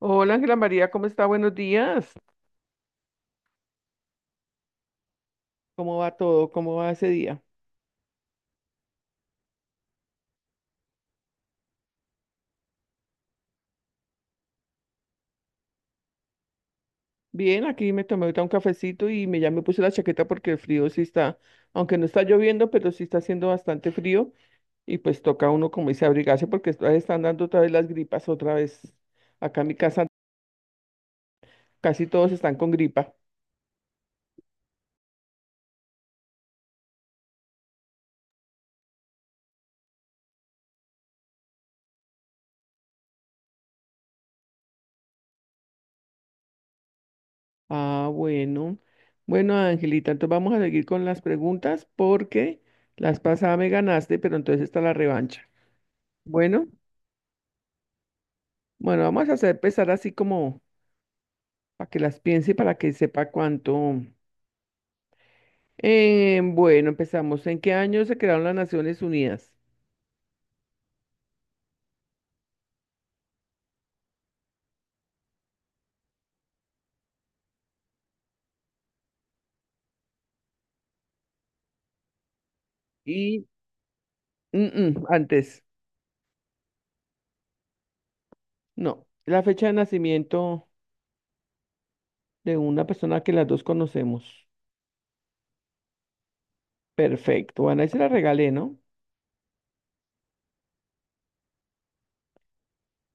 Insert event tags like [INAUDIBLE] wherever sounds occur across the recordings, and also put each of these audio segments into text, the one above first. Hola Ángela María, ¿cómo está? Buenos días. ¿Cómo va todo? ¿Cómo va ese día? Bien, aquí me tomé ahorita un cafecito y ya me puse la chaqueta porque el frío sí está, aunque no está lloviendo, pero sí está haciendo bastante frío y pues toca uno, como dice, abrigarse porque están dando otra vez las gripas, otra vez. Acá en mi casa casi todos están con gripa. Ah, bueno. Bueno, Angelita, entonces vamos a seguir con las preguntas porque las pasadas me ganaste, pero entonces está la revancha. Bueno, bueno, vamos a hacer empezar así como, para que las piense y para que sepa cuánto. Bueno, empezamos. ¿En qué año se crearon las Naciones Unidas? Y mm, antes, no. La fecha de nacimiento de una persona que las dos conocemos. Perfecto. Bueno, ahí se la regalé, ¿no?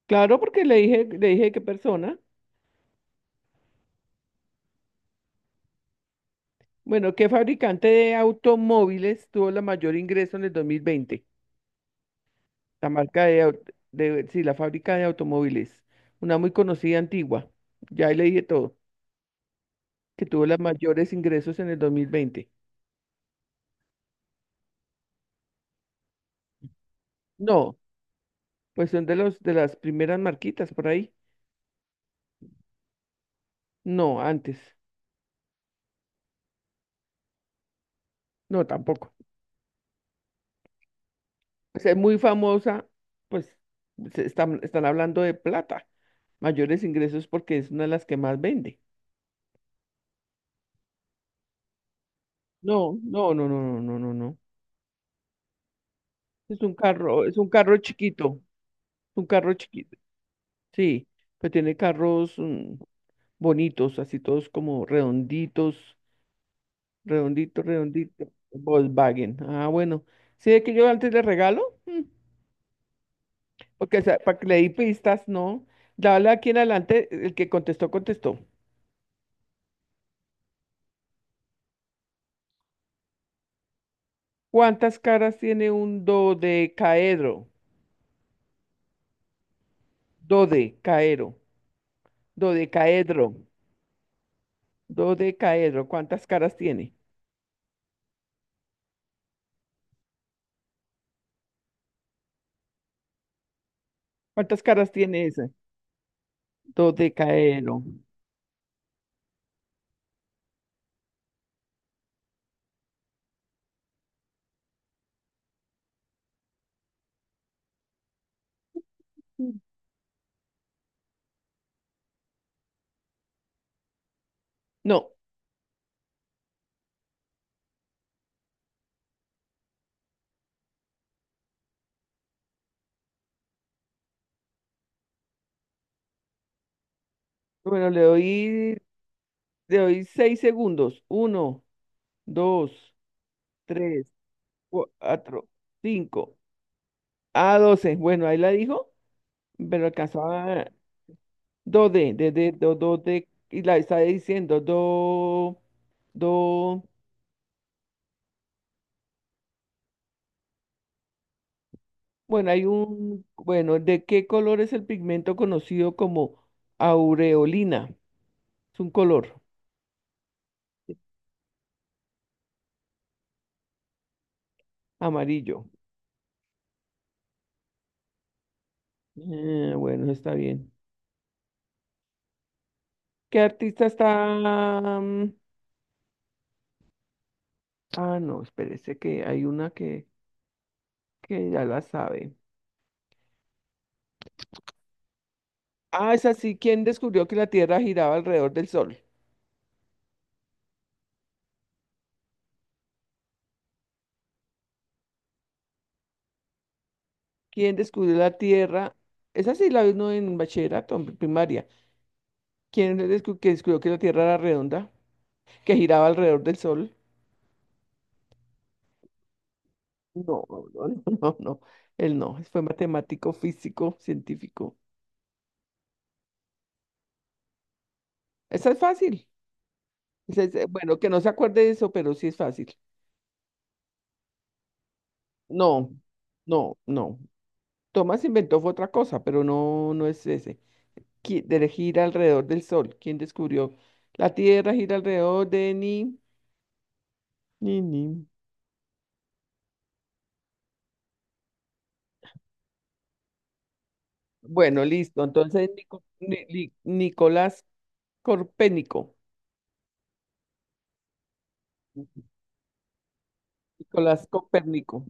Claro, porque le dije qué persona. Bueno, ¿qué fabricante de automóviles tuvo la mayor ingreso en el 2020? La marca de, de, sí, la fábrica de automóviles. Una muy conocida, antigua. Ya ahí le dije todo, que tuvo los mayores ingresos en el 2020. No, pues son de los, de las primeras marquitas por ahí. No, antes. No, tampoco. O sea, muy famosa, pues se están hablando de plata. Mayores ingresos porque es una de las que más vende. No, no, no, no, no, no, no, no. Es un carro chiquito, un carro chiquito. Sí, pero tiene carros bonitos, así todos como redonditos. Redondito, redondito. Volkswagen. Ah, bueno. Sí, es que yo antes le regalo, porque, o sea, para que le di pistas, no. Dale, aquí en adelante, el que contestó, contestó. ¿Cuántas caras tiene un dodecaedro? Dodecaedro. Dodecaedro. Dodecaedro. ¿Cuántas caras tiene? ¿Cuántas caras tiene ese? Dodecaedro. Mm. No. Bueno, le doy 6 segundos. Uno, dos, tres, cuatro, cinco. A doce, bueno, ahí la dijo, pero alcanzaba. 2D, d d D, do, do, d, y la está diciendo, do, do. Bueno, bueno, ¿de qué color es el pigmento conocido como aureolina? Es un color amarillo. Bueno, está bien. ¿Qué artista está? Ah, no, espérese, que hay una que ya la sabe. Ah, es así, ¿quién descubrió que la Tierra giraba alrededor del Sol? ¿Quién descubrió la Tierra? Esa sí la vino en bachillerato, en primaria. ¿Quién que descubrió que la Tierra era redonda, que giraba alrededor del Sol? No, [LAUGHS] no, no, no, no. Él no, fue matemático, físico, científico. Esa es fácil. Bueno, que no se acuerde de eso, pero sí es fácil. No, no, no. Thomas inventó fue otra cosa, pero no, no es ese. De gira alrededor del Sol. ¿Quién descubrió? La Tierra gira alrededor de ni, ni, ni. Bueno, listo. Entonces, Nicolás Corpénico. Nicolás Copérnico.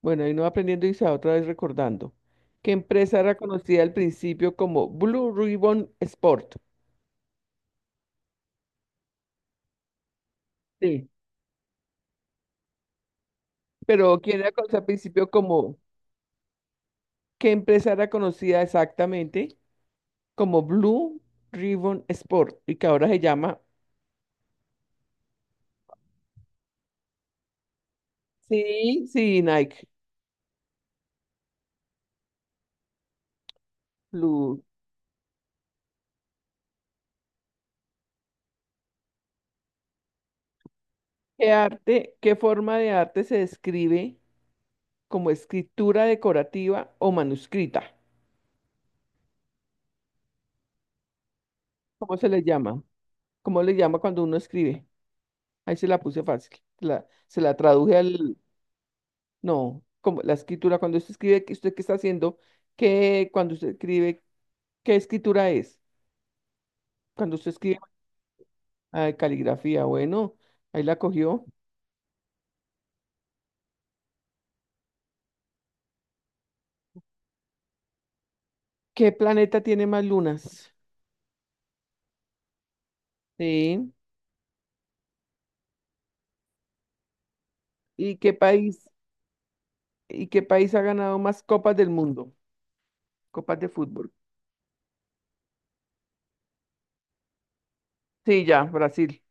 Bueno, ahí no va aprendiendo y se va otra vez recordando. ¿Qué empresa era conocida al principio como Blue Ribbon Sport? Sí. Pero, ¿quién era conocida al principio como? ¿Qué empresa era conocida exactamente como Blue Ribbon Sport y que ahora se llama? Sí, sí, Nike. Blue. ¿Qué arte, qué forma de arte se describe como escritura decorativa o manuscrita? ¿Cómo se le llama? ¿Cómo le llama cuando uno escribe? Ahí se la puse fácil. Se la traduje al. No, como la escritura, cuando usted escribe, ¿usted qué está haciendo? ¿Qué, cuando usted escribe, qué escritura es? Cuando usted escribe, ah, caligrafía, bueno, ahí la cogió. ¿Qué planeta tiene más lunas? Sí. ¿Y qué país, y qué país ha ganado más copas del mundo? Copas de fútbol. Sí, ya, Brasil.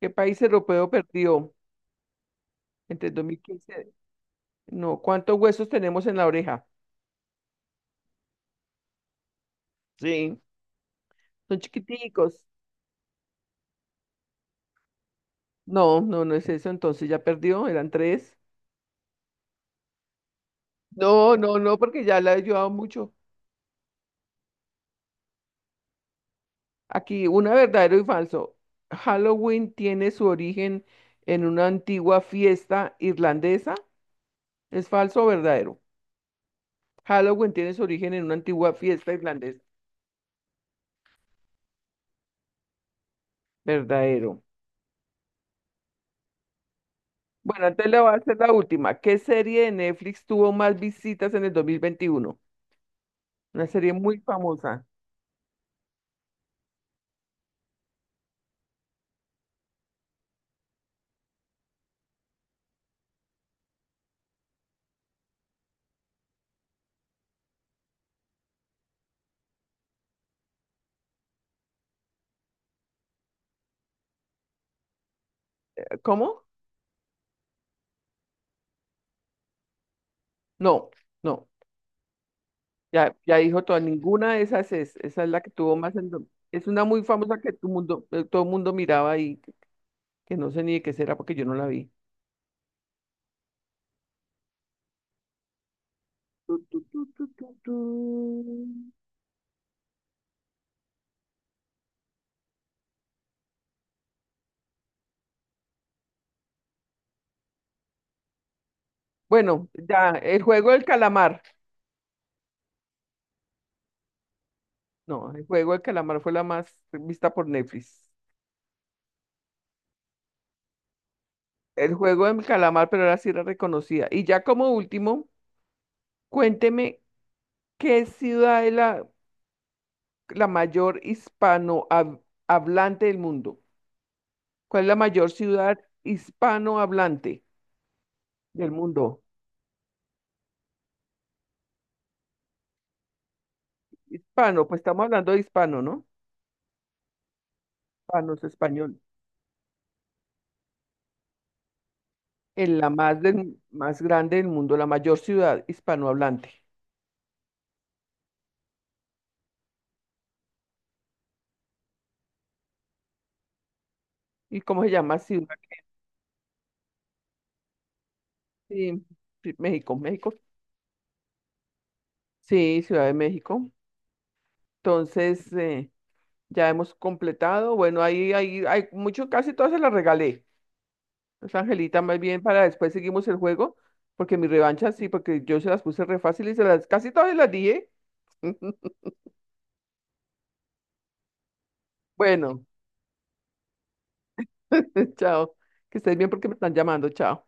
¿Qué país europeo perdió? Entre 2015. No, ¿cuántos huesos tenemos en la oreja? Sí, son chiquiticos. No, no, no es eso. Entonces ya perdió, eran tres. No, no, no, porque ya la he ayudado mucho. Aquí, una verdadero y falso. Halloween tiene su origen en una antigua fiesta irlandesa. ¿Es falso o verdadero? Halloween tiene su origen en una antigua fiesta irlandesa. Verdadero. Bueno, antes le voy a hacer la última. ¿Qué serie de Netflix tuvo más visitas en el 2021? Una serie muy famosa. ¿Cómo? No, no. Ya, ya dijo toda, ninguna de esas es. Esa es la que tuvo más. Es una muy famosa que todo mundo miraba y que no sé ni de qué será, porque yo no la vi. Tu, tu, tu, tu, tu, tu. Bueno, ya, el juego del calamar. No, el juego del calamar fue la más vista por Netflix. El juego del calamar, pero ahora sí era reconocida. Y ya como último, cuénteme qué ciudad es la, mayor hispanohablante del mundo. ¿Cuál es la mayor ciudad hispanohablante del mundo? Hispano, pues estamos hablando de hispano, ¿no? Hispano es español. En la más, más grande del mundo, la mayor ciudad hispanohablante. ¿Y cómo se llama ciudad? Sí, sí, México, México. Sí, Ciudad de México. Entonces, ya hemos completado. Bueno, ahí hay mucho, casi todas se las regalé. Entonces, Angelita, más bien para después seguimos el juego, porque mi revancha sí, porque yo se las puse re fácil y casi todas se las dije. [LAUGHS] Bueno, [LAUGHS] chao. Que estés bien, porque me están llamando. Chao.